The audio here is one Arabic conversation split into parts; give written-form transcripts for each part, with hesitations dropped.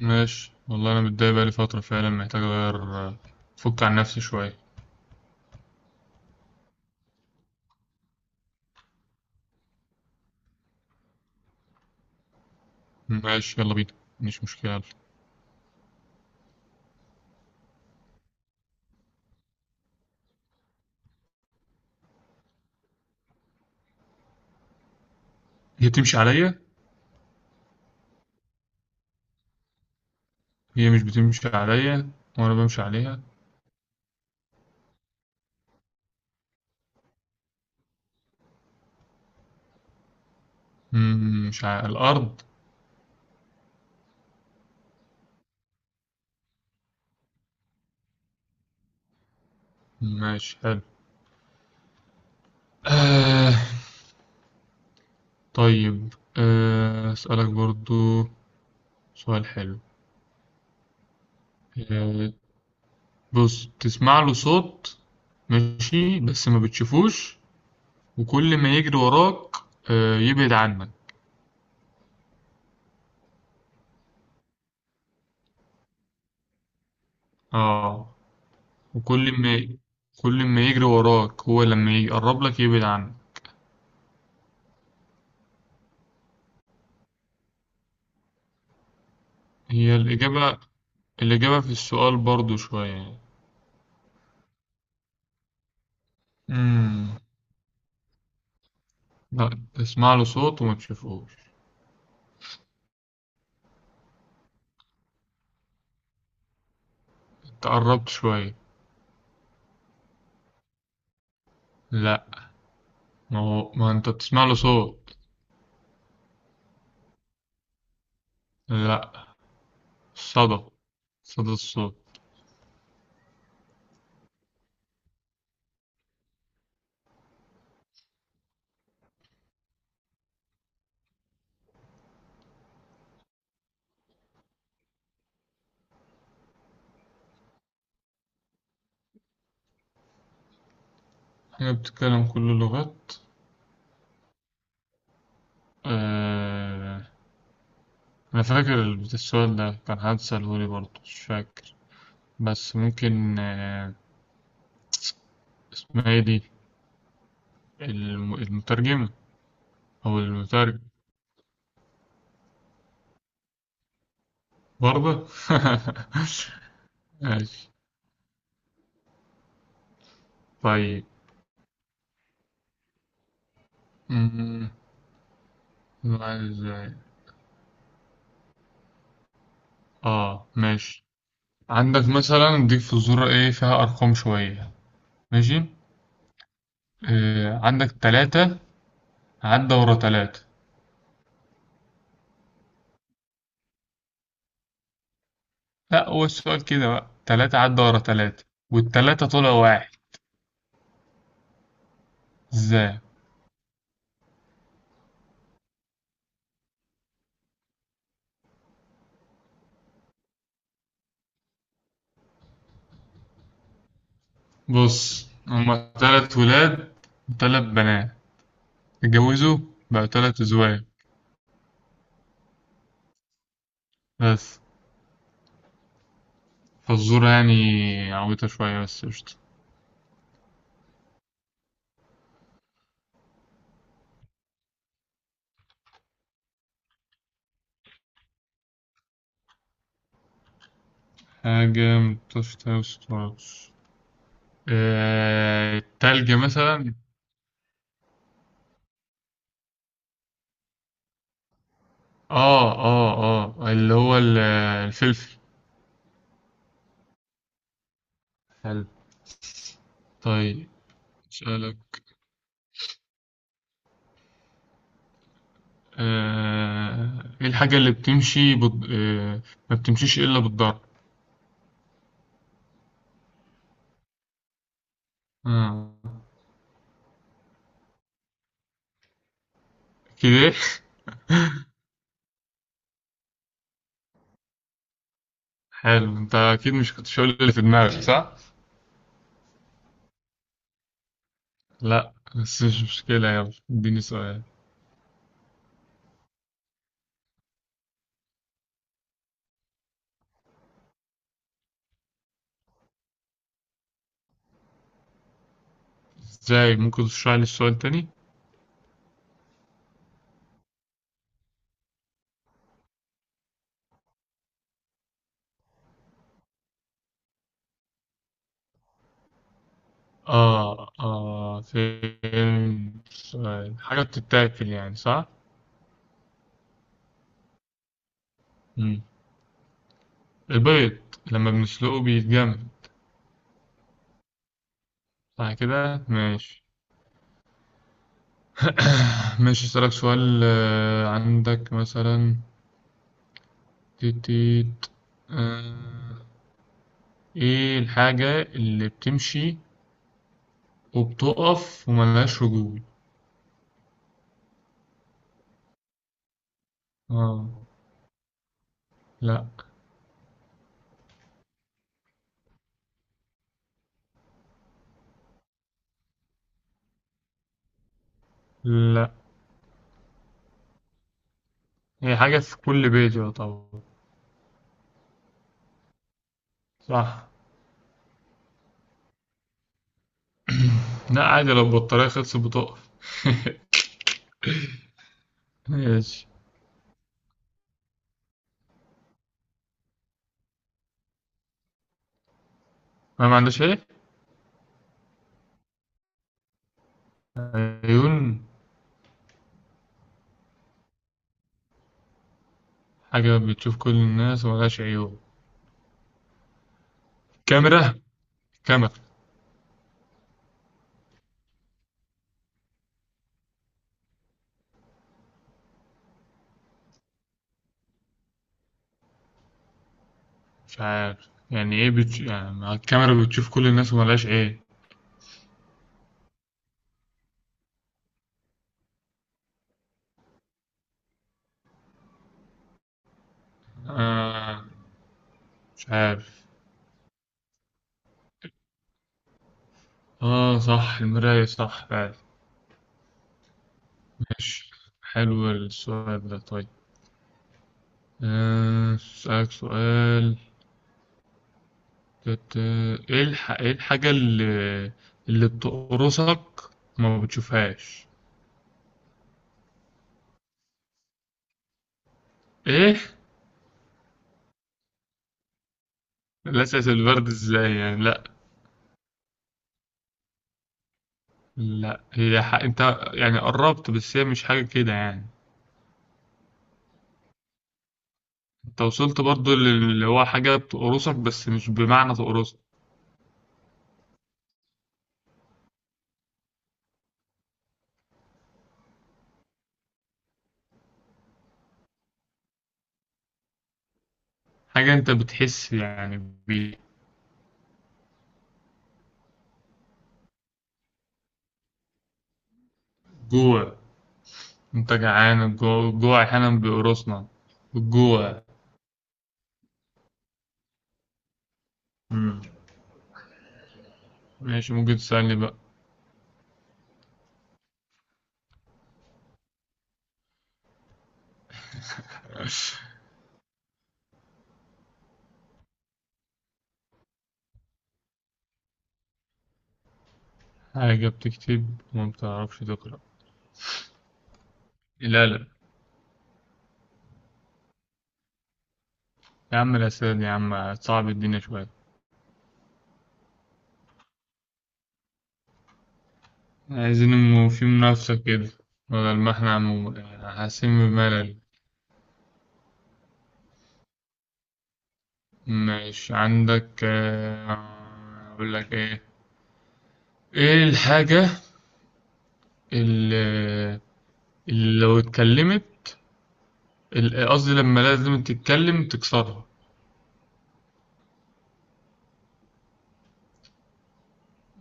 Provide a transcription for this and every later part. ماشي والله أنا متضايق بقالي فترة فعلا محتاج أغير، أفك عن نفسي شوية. ماشي، يلا بينا. مش مشكلة، يلا. هي تمشي عليا. هي مش بتمشي عليا وأنا بمشي عليها. مش على الأرض. ماشي، حلو. آه طيب، أسألك برضو سؤال حلو. آه. بص، تسمع له صوت، ماشي، بس ما بتشوفوش، وكل ما يجري وراك يبعد عنك. اه، وكل ما كل ما يجري وراك هو لما يقرب لك يبعد عنك. هي الإجابة. الإجابة في السؤال برضو شوية يعني. مم. لا، تسمع له صوت وما تشوفوش. تقربت شوية. لا، ما هو ما انت بتسمع له صوت. لا. صدى صدى الصوت. حاجة بتتكلم كل اللغات. آه... أنا فاكر السؤال ده كان حد سألهولي برضه، مش فاكر، بس ممكن اسمها ايه دي. المترجمة. هو المترجم. برضه. ماشي، طيب. أمم، نوع ازاي. اه، ماشي. عندك مثلا، اديك فزورة ايه فيها ارقام شوية. ماشي. عندك تلاتة عدى ورا تلاتة. لا، هو السؤال كده بقى، تلاتة عدى ورا تلاتة والتلاتة طلع واحد. ازاي؟ بص، هما تلات ولاد وتلات بنات اتجوزوا، بقى تلات ازواج، بس. فالزورة يعني عويطة شوية بس قشطة. حاجة متقدرش تلبس خالص. التلج مثلا. اه، اه، اه، اللي هو الفلفل. حلو. طيب، أسألك. ايه الحاجة اللي بتمشي ما بتمشيش إلا بالضرب. آه. كده. حلو، انت اكيد مش كنتش هقول اللي في دماغك، صح؟ لا، بس مش مشكلة، يلا اديني سؤال. ازاي؟ ممكن تشرح لي السؤال تاني؟ اه، اه. فين السؤال؟ حاجة بتتاكل يعني، صح؟ مم. البيض، لما بنسلقه بيتجمد. صح كده، ماشي. ماشي، اسألك سؤال. عندك مثلا، تيتيت، آه، ايه الحاجة اللي بتمشي وبتقف وملهاش رجول؟ اه. لا. لا، هي حاجة في كل بيت، يا طبعا. صح. لا، عادي، لو البطارية خلصت بتقف. ماشي. ما عندهاش ايه؟ عيون. حاجة بتشوف كل الناس وملهاش عيون. كاميرا. كاميرا. مش عارف يعني ايه يعني مع الكاميرا بتشوف كل الناس وملهاش ايه. آه مش عارف. اه، صح، المراية، صح فعلا. ماشي، حلو السؤال ده. طيب، اسألك سؤال. تت- ايه ايه الحاجة اللي بتقرصك وما بتشوفهاش. ايه؟ الاساس البرد، ازاي يعني؟ لا. لا، انت يعني قربت، بس هي مش حاجة كده يعني. انت وصلت برضو، اللي هو حاجة تقرصك بس مش بمعنى تقرصك. حاجة انت بتحس يعني. بجوع. انت جعان، الجوع، الجوع احيانا بيقرصنا. الجوع. مم. ماشي، ممكن تسألني بقى. حاجة بتكتب وما بتعرفش تقرأ. لا. لا. يا عم، الأسئلة دي، يا عم، صعب الدنيا شوية. عايزين في منافسة كده، بدل ما احنا حاسين بملل. ماشي، عندك، أقول لك إيه. إيه الحاجة ال- اللي لو اتكلمت، قصدي لما لازم تتكلم تكسرها.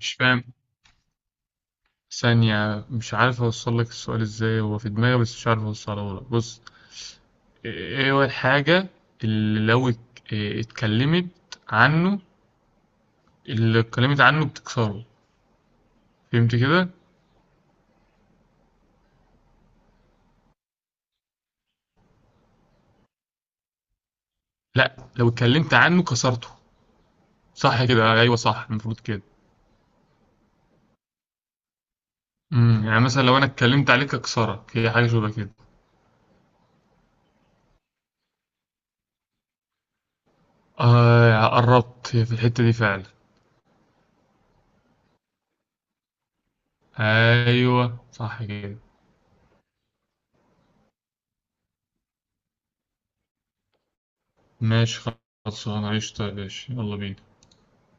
مش فاهم؟ ثانية، مش عارف اوصل لك السؤال ازاي، هو في دماغي بس مش عارف اوصله لك. بص، ايه، إيه هو الحاجة اللي لو ات- إيه اتكلمت عنه، اللي اتكلمت عنه بتكسره، فهمت كده؟ لا، لو اتكلمت عنه كسرته، صح كده، ايوه، صح، المفروض كده. يعني مثلا لو انا اتكلمت عليك اكسرك، هي حاجة شبه كده. قربت، هي في الحتة دي فعلا. ايوه، صح كده. ماشي، خلصان عشطة يا باشا، يلا بينا.